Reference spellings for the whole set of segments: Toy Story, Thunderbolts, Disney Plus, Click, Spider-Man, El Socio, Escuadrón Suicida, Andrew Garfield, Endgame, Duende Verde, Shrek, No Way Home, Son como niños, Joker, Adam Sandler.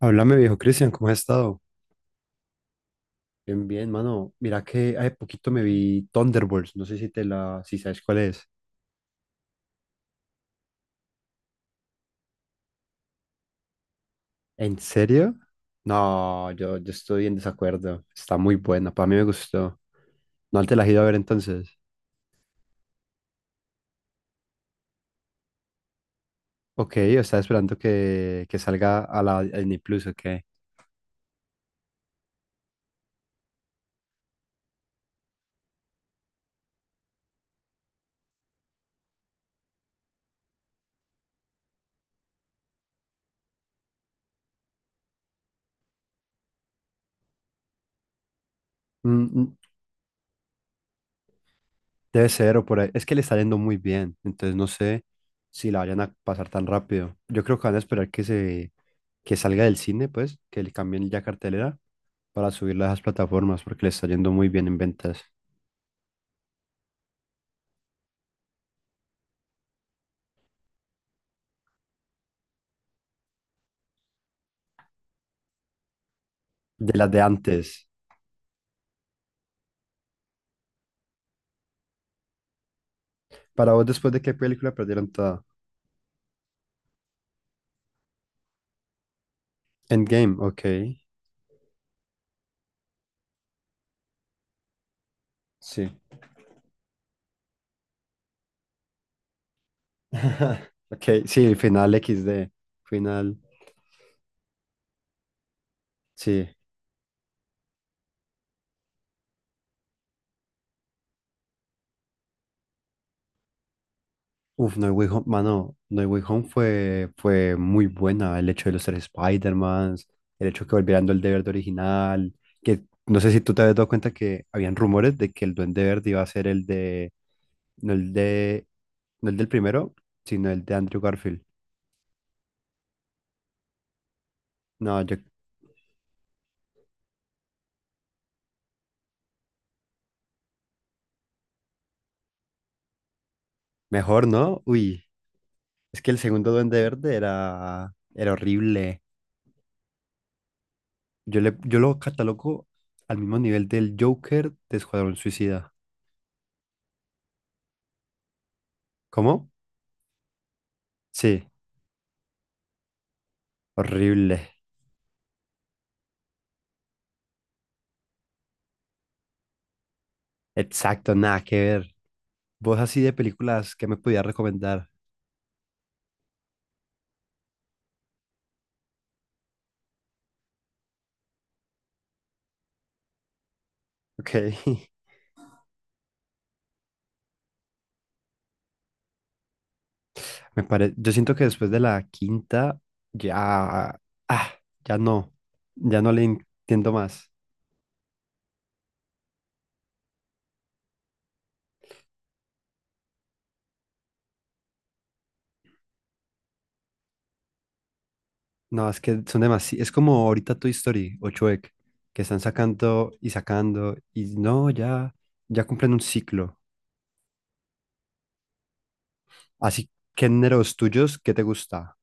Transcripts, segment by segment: Háblame, viejo Cristian, ¿cómo has estado? Bien, bien, mano. Mira que hace poquito me vi Thunderbolts, no sé si sabes cuál es. ¿En serio? No, yo estoy en desacuerdo. Está muy buena, para mí me gustó. ¿No te la has ido a ver entonces? Ok, o estaba esperando que salga a la a Disney Plus, ok. Mm, mm, debe ser o por ahí. Es que le está yendo muy bien, entonces no sé si la vayan a pasar tan rápido. Yo creo que van a esperar que salga del cine, pues, que le cambien ya cartelera para subirla a esas plataformas porque le está yendo muy bien en ventas. De las de antes. Para vos, después de qué película perdieron toda. Endgame, ok. Sí. Ok, sí, final equis de Final, sí. Uf, No Way Home, mano, No Way Home fue muy buena. El hecho de los tres Spider-Mans, el hecho que volvieran el Duende Verde original. Que no sé si tú te habías dado cuenta que habían rumores de que el Duende Verde iba a ser el de. No el de. No el del primero, sino el de Andrew Garfield. No, yo mejor no. Uy, es que el segundo Duende Verde era horrible. Yo lo catalogo al mismo nivel del Joker de Escuadrón Suicida. ¿Cómo? Sí, horrible. Exacto, nada que ver. Vos así de películas que me podías recomendar. Ok. Me pare... Yo siento que después de la quinta ya... Ah, ya no. Ya no le entiendo más. No, es que son demasiado. Es como ahorita Toy Story o Shrek, que están sacando y sacando, y no, ya, ya cumplen un ciclo. Así, géneros tuyos, ¿qué te gusta?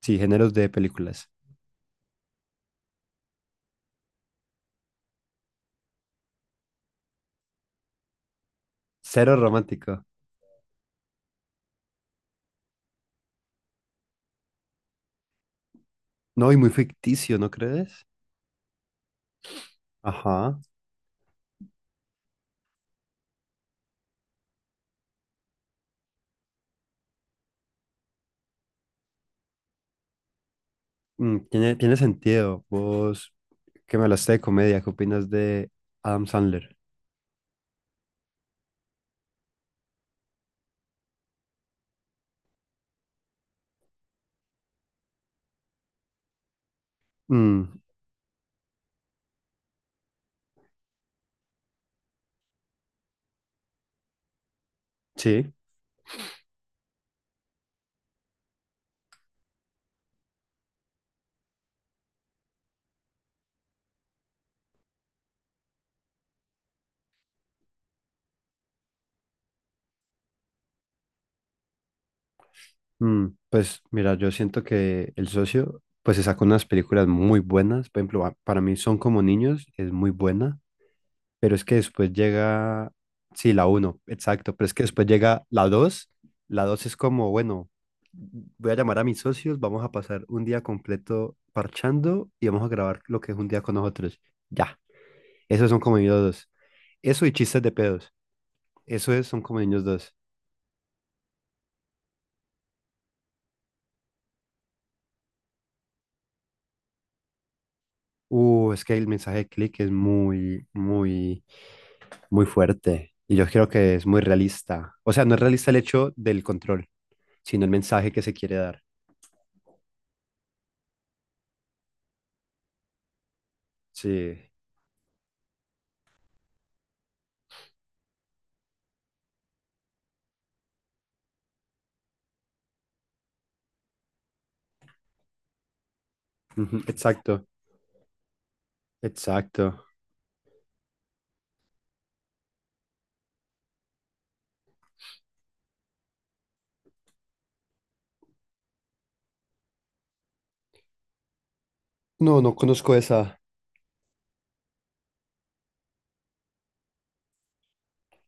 Sí, géneros de películas. Cero romántico. No, y muy ficticio, ¿no crees? Ajá. Mm, tiene sentido. Vos, que me hablaste de comedia, ¿qué opinas de Adam Sandler? Mm, sí. Mm, pues mira, yo siento que El Socio, pues se sacó unas películas muy buenas. Por ejemplo, para mí Son como niños, es muy buena, pero es que después llega, sí, la uno, exacto, pero es que después llega la dos. La dos es como, bueno, voy a llamar a mis socios, vamos a pasar un día completo parchando y vamos a grabar lo que es un día con nosotros. Ya, esos son como niños dos. Eso y chistes de pedos. Eso es, son como niños dos. Es que el mensaje de click es muy... muy fuerte. Y yo creo que es muy realista. O sea, no es realista el hecho del control, sino el mensaje que se quiere dar. Sí. Ujú, exacto, exacto. No, no conozco esa.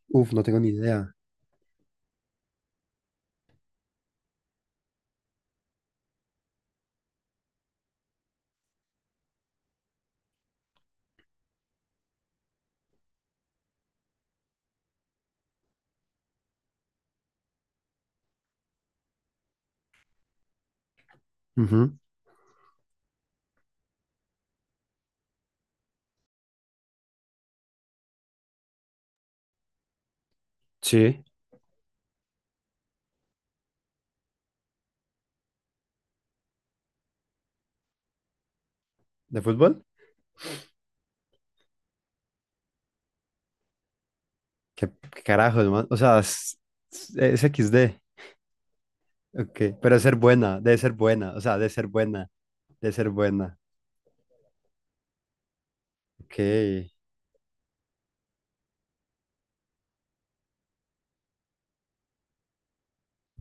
Uf, no tengo ni idea. Ujú, sí. ¿De fútbol? ¿Qué, qué carajo, hermano? O sea, es XD. Ok. Pero debe ser buena, debe ser buena. O sea, debe ser buena. Debe ser buena. Ok,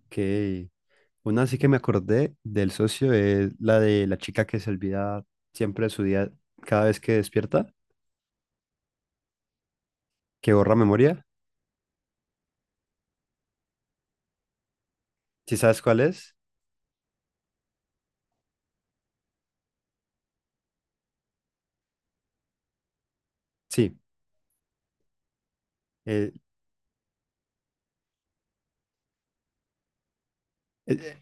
ok. Una sí que me acordé del socio es la de la chica que se olvida siempre de su día cada vez que despierta, que borra memoria. ¿Sí sabes cuál es? Sí, eh, eh, eh,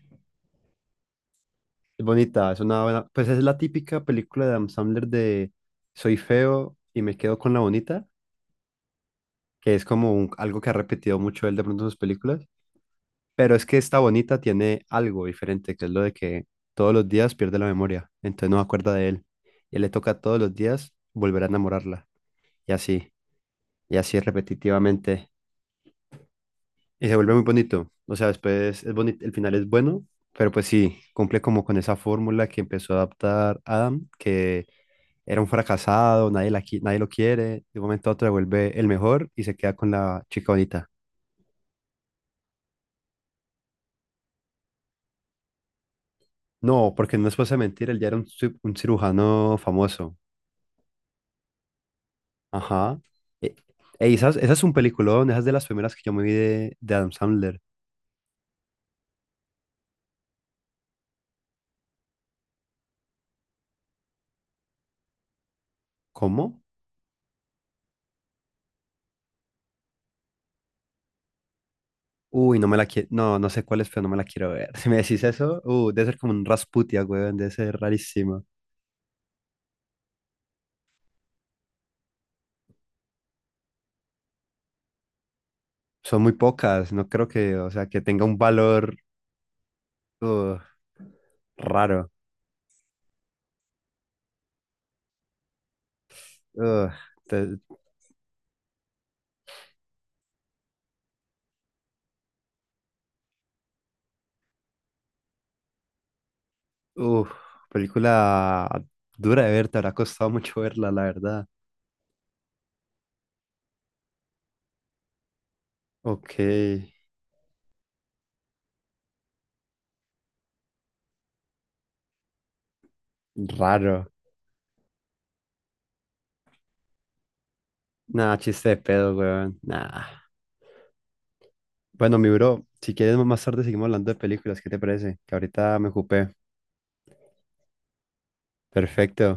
es bonita, es una buena, pues es la típica película de Adam Sandler de soy feo y me quedo con la bonita, que es como algo que ha repetido mucho él de pronto en sus películas, pero es que esta bonita tiene algo diferente, que es lo de que todos los días pierde la memoria, entonces no se acuerda de él y le toca todos los días volver a enamorarla y así. Y así repetitivamente. Y se vuelve muy bonito. O sea, después es bonito, el final es bueno, pero pues sí, cumple como con esa fórmula que empezó a adaptar Adam, que era un fracasado, nadie lo quiere, de un momento a otro se vuelve el mejor y se queda con la chica bonita. No, porque no es cosa de mentir, él ya era un cirujano famoso. Ajá. E- esa es un peliculón, esa es de las primeras que yo me vi de Adam Sandler. ¿Cómo? Uy, no me la quiero. No, no sé cuál es, pero no me la quiero ver. Si me decís eso, debe ser como un Rasputia, weón, debe ser rarísimo. Son muy pocas, no creo que, o sea, que tenga un valor uh, raro. Uh, te- uh, película dura de ver, te habrá costado mucho verla, la verdad. Ok, raro. Nah, chiste de pedo, weón. Nah. Bueno, mi bro, si quieres más tarde seguimos hablando de películas, ¿qué te parece? Que ahorita me ocupé. Perfecto.